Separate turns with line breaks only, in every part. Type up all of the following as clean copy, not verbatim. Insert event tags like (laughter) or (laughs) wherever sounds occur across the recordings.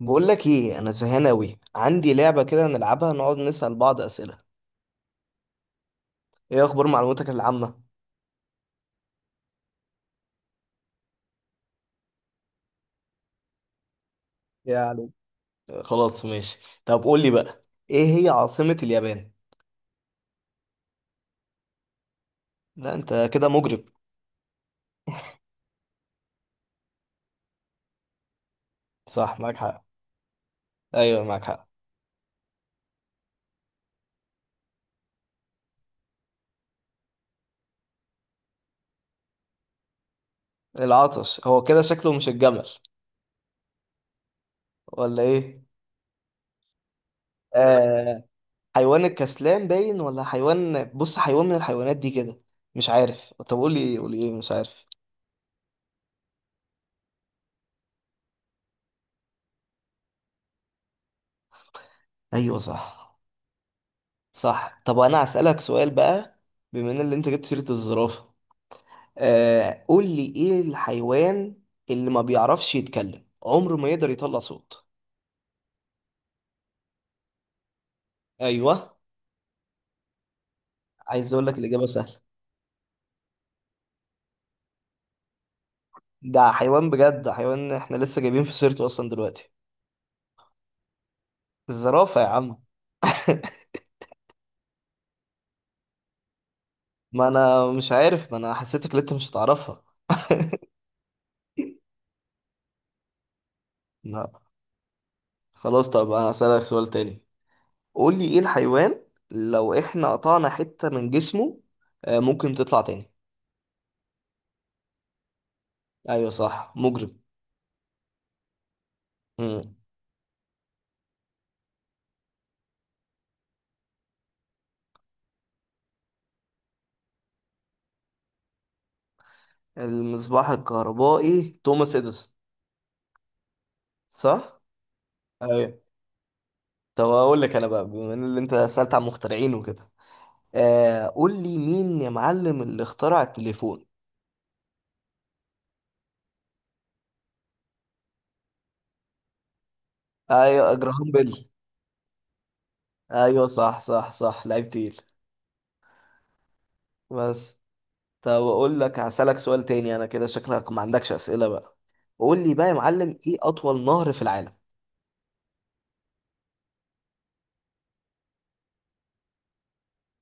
بقول لك ايه، انا زهقان اوي. عندي لعبه كده نلعبها، نقعد نسال بعض اسئله. ايه اخبار معلوماتك العامه؟ يعني. خلاص ماشي. طب قول لي بقى. ايه هي عاصمه اليابان؟ لا، انت كده مجرب. صح، معاك حق. ايوه، معاك حق. العطش، هو كده شكله مش الجمل ولا ايه؟ آه. حيوان الكسلان باين، ولا حيوان، بص حيوان من الحيوانات دي كده. مش عارف، طب قول لي ايه، مش عارف. ايوه صح. صح، طب انا هسالك سؤال بقى. بما ان اللي انت جبت سيره الزرافه. قول لي ايه الحيوان اللي ما بيعرفش يتكلم، عمره ما يقدر يطلع صوت؟ ايوه. عايز اقول لك، الاجابه سهله. ده حيوان بجد، ده حيوان احنا لسه جايبين في سيرته اصلا دلوقتي. الزرافه يا عم. (laughs) ما انا مش عارف، ما انا حسيتك اللي انت مش هتعرفها. لا. خلاص، طب انا هسألك سؤال تاني. قول لي ايه الحيوان لو احنا قطعنا حتة من جسمه، ممكن تطلع تاني؟ ايوه صح، مجرم. مم. المصباح الكهربائي، توماس اديسون. صح. ايوه. طب اقول لك انا بقى، بما ان اللي انت سألت عن مخترعين وكده. قول لي مين يا معلم اللي اخترع التليفون؟ ايوه، جراهام بيل. ايوه صح صح صح، لعيب تقيل. بس. طب اقول لك هسألك سؤال تاني، انا كده شكلك ما عندكش أسئلة بقى. قول لي بقى يا معلم، ايه اطول نهر في العالم؟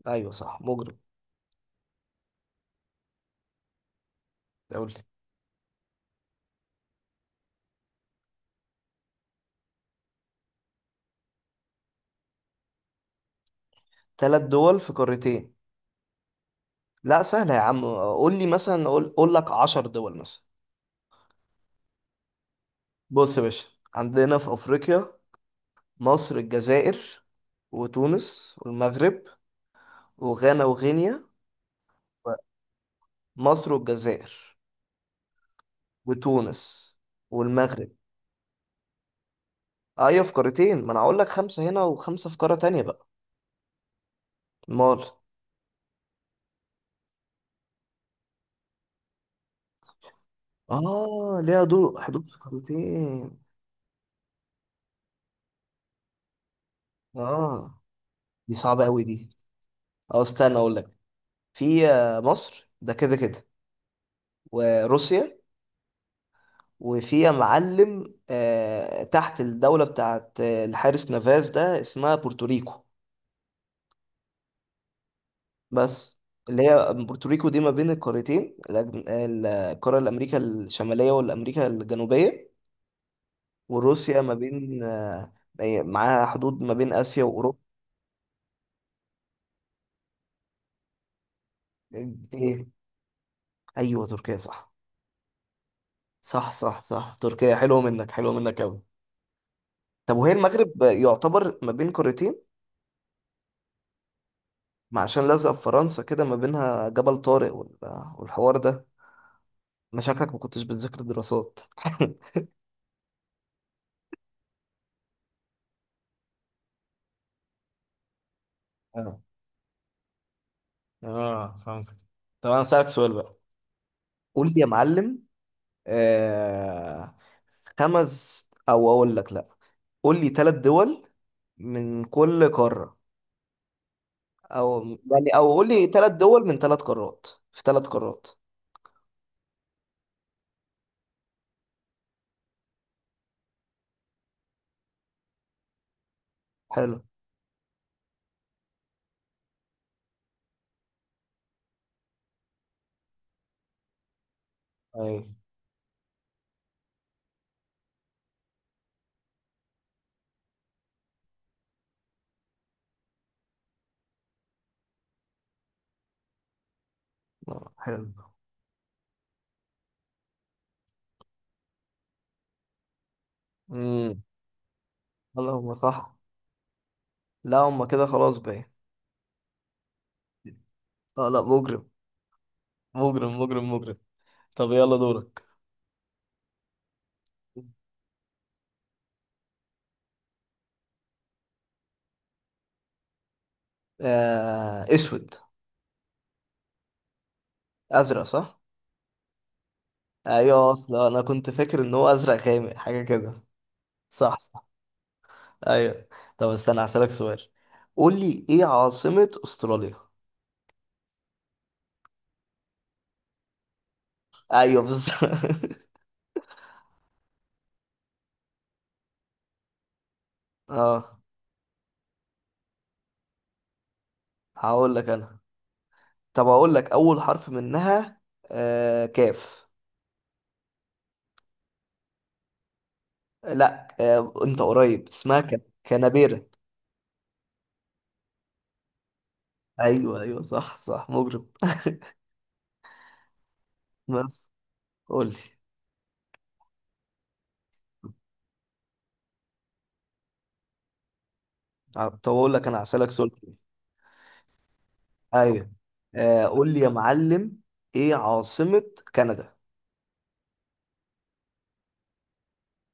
ايوه صح، مجرم. قول لي ثلاث دول في قارتين. لا سهلة يا عم، قول لي مثلا، قول لك 10 دول مثلا. بص يا باشا، عندنا في افريقيا، مصر، الجزائر، وتونس والمغرب، وغانا وغينيا. مصر والجزائر، وتونس، والمغرب. ايوه في قارتين، ما انا هقول لك خمسه هنا وخمسه في قاره تانية بقى. مال؟ اه، ليها دول حدود في قارتين. اه، دي صعبه قوي دي. اه استنى اقول لك. في مصر ده كده كده، وروسيا. وفي يا معلم تحت الدوله بتاعت الحارس نافاز ده، اسمها بورتوريكو. بس. اللي هي بورتوريكو دي ما بين القارتين، القارة الأمريكا الشمالية والأمريكا الجنوبية. وروسيا ما بين معاها حدود ما بين آسيا وأوروبا. إيه؟ أيوه تركيا، صح. صح صح صح، تركيا حلوة منك، حلوة منك أوي. طب وهي المغرب يعتبر ما بين قارتين؟ ما عشان لازقة في فرنسا كده، ما بينها جبل طارق والحوار ده. مشاكلك، ما كنتش بتذاكر دراسات؟ (laughs) اه. اه، فهمت. طب أنا أسألك سؤال بقى. قول لي يا معلم، آه خمس، او اقول لك لا. قول لي ثلاث دول من كل قارة. او، يعني او قول لي ثلاث دول من ثلاث قارات، في ثلاث قارات. حلو. اي. حلو. امم. اللهم صح. لا هم كده خلاص بقى. اه لا، مجرم. مجرم مجرم مجرم. طب يلا دورك. اسود. ازرق؟ صح. ايوه اصلا انا كنت فاكر ان هو ازرق غامق حاجه كده. صح. ايوه. طب استنى هسألك سؤال. قول لي ايه عاصمة استراليا؟ ايوه بالظبط. (laughs) اه. هقول لك انا. طب هقول لك اول حرف منها. كاف. لا، انت قريب، اسمها كان كانبيرا. ايوه ايوه صح صح، مجرم. (laughs) بس. قول لي. طب اقول لك انا هسألك سؤال تاني. ايوه. قول لي يا معلم، ايه عاصمة كندا؟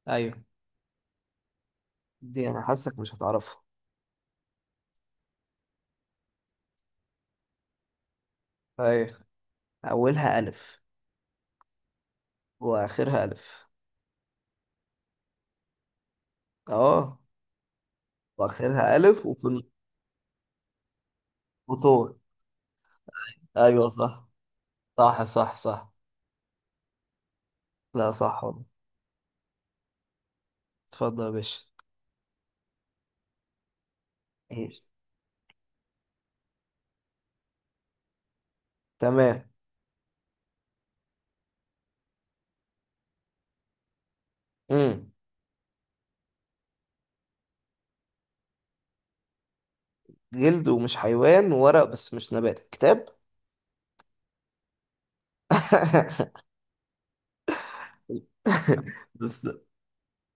ايوه. دي انا حاسك مش هتعرفها. ايوه. اولها الف، واخرها الف. اه. واخرها ألف، وفي الفطور. أيوة صح. صح صح صح. لا صح والله. اتفضل يا باشا. ماشي. تمام. امم. جلد ومش حيوان، وورق بس مش نبات، كتاب. (laughs) بس.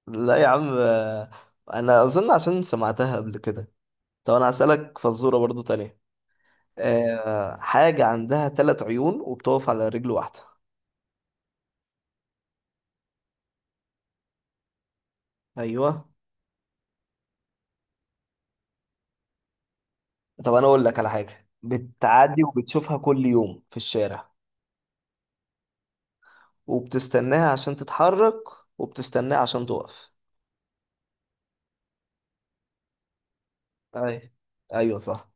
لا يا عم، أنا أظن عشان سمعتها قبل كده. طب أنا هسألك فزورة برضو تانية. حاجة عندها ثلاث عيون وبتقف على رجل واحدة. أيوة. طب أنا أقول لك على حاجة بتعدي وبتشوفها كل يوم في الشارع، وبتستناها عشان تتحرك، وبتستناها عشان تقف. اي. ايوه صح.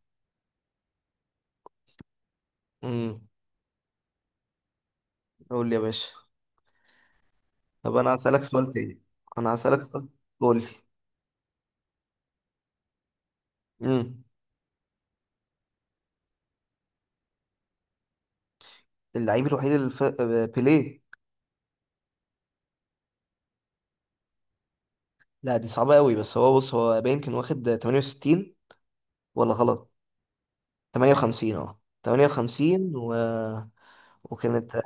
امم. قول لي يا باشا. طب انا هسألك سؤال تاني. انا هسألك سؤال. قول لي. امم. اللعيب الوحيد اللي ف... آه، بيليه. لا دي صعبة قوي، بس هو، بص هو باين كان واخد 68. ولا غلط؟ 58. اه 58 وكانت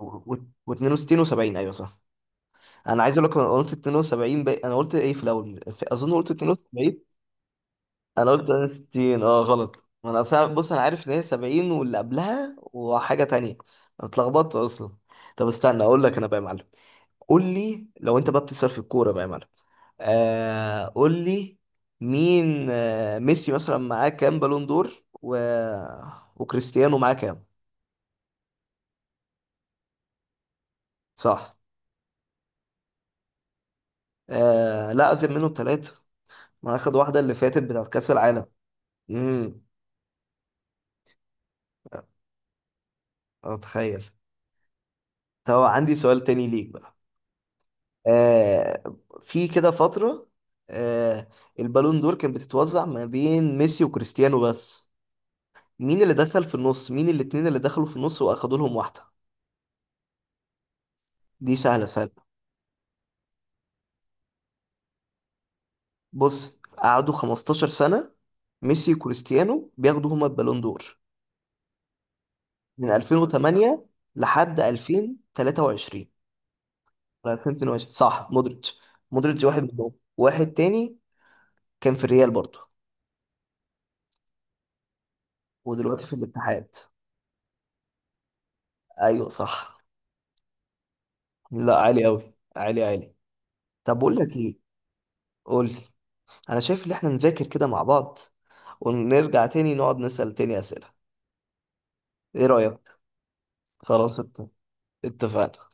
و... و62 و70. ايوه صح. انا عايز اقول لك، انا قلت 72. انا قلت ايه في الاول، اظن قلت 72. انا قلت 60، اه غلط، ما انا بص انا عارف ان هي 70 واللي قبلها، وحاجه تانية. انا اتلخبطت اصلا. طب استنى اقول لك انا بقى يا معلم. قول لي، لو انت بقى بتسأل في الكوره بقى يا معلم، قول لي، مين ميسي مثلا معاه كام بالون دور، و... وكريستيانو معاه كام؟ صح. لا، اخذ منهم ثلاثه، ما اخد واحده اللي فاتت بتاعت كاس العالم. امم. اتخيل. طب عندي سؤال تاني ليك بقى. في كده فترة، آه، البالون دور كانت بتتوزع ما بين ميسي وكريستيانو بس. مين اللي دخل في النص، مين الاتنين اللي دخلوا في النص واخدوا لهم واحدة؟ دي سهلة سهلة. بص قعدوا 15 سنة، ميسي وكريستيانو بياخدوا هما البالون دور، من 2008 لحد 2023. ولا 2022؟ صح مودريتش. مودريتش واحد منهم. واحد تاني، كان في الريال برضه، ودلوقتي في الاتحاد. ايوه صح. لا، عالي قوي، عالي عالي. طب بقول لك ايه. قول لي. انا شايف ان احنا نذاكر كده مع بعض، ونرجع تاني نقعد نسأل تاني أسئلة. ايه رأيك؟ خلاص اتفقنا.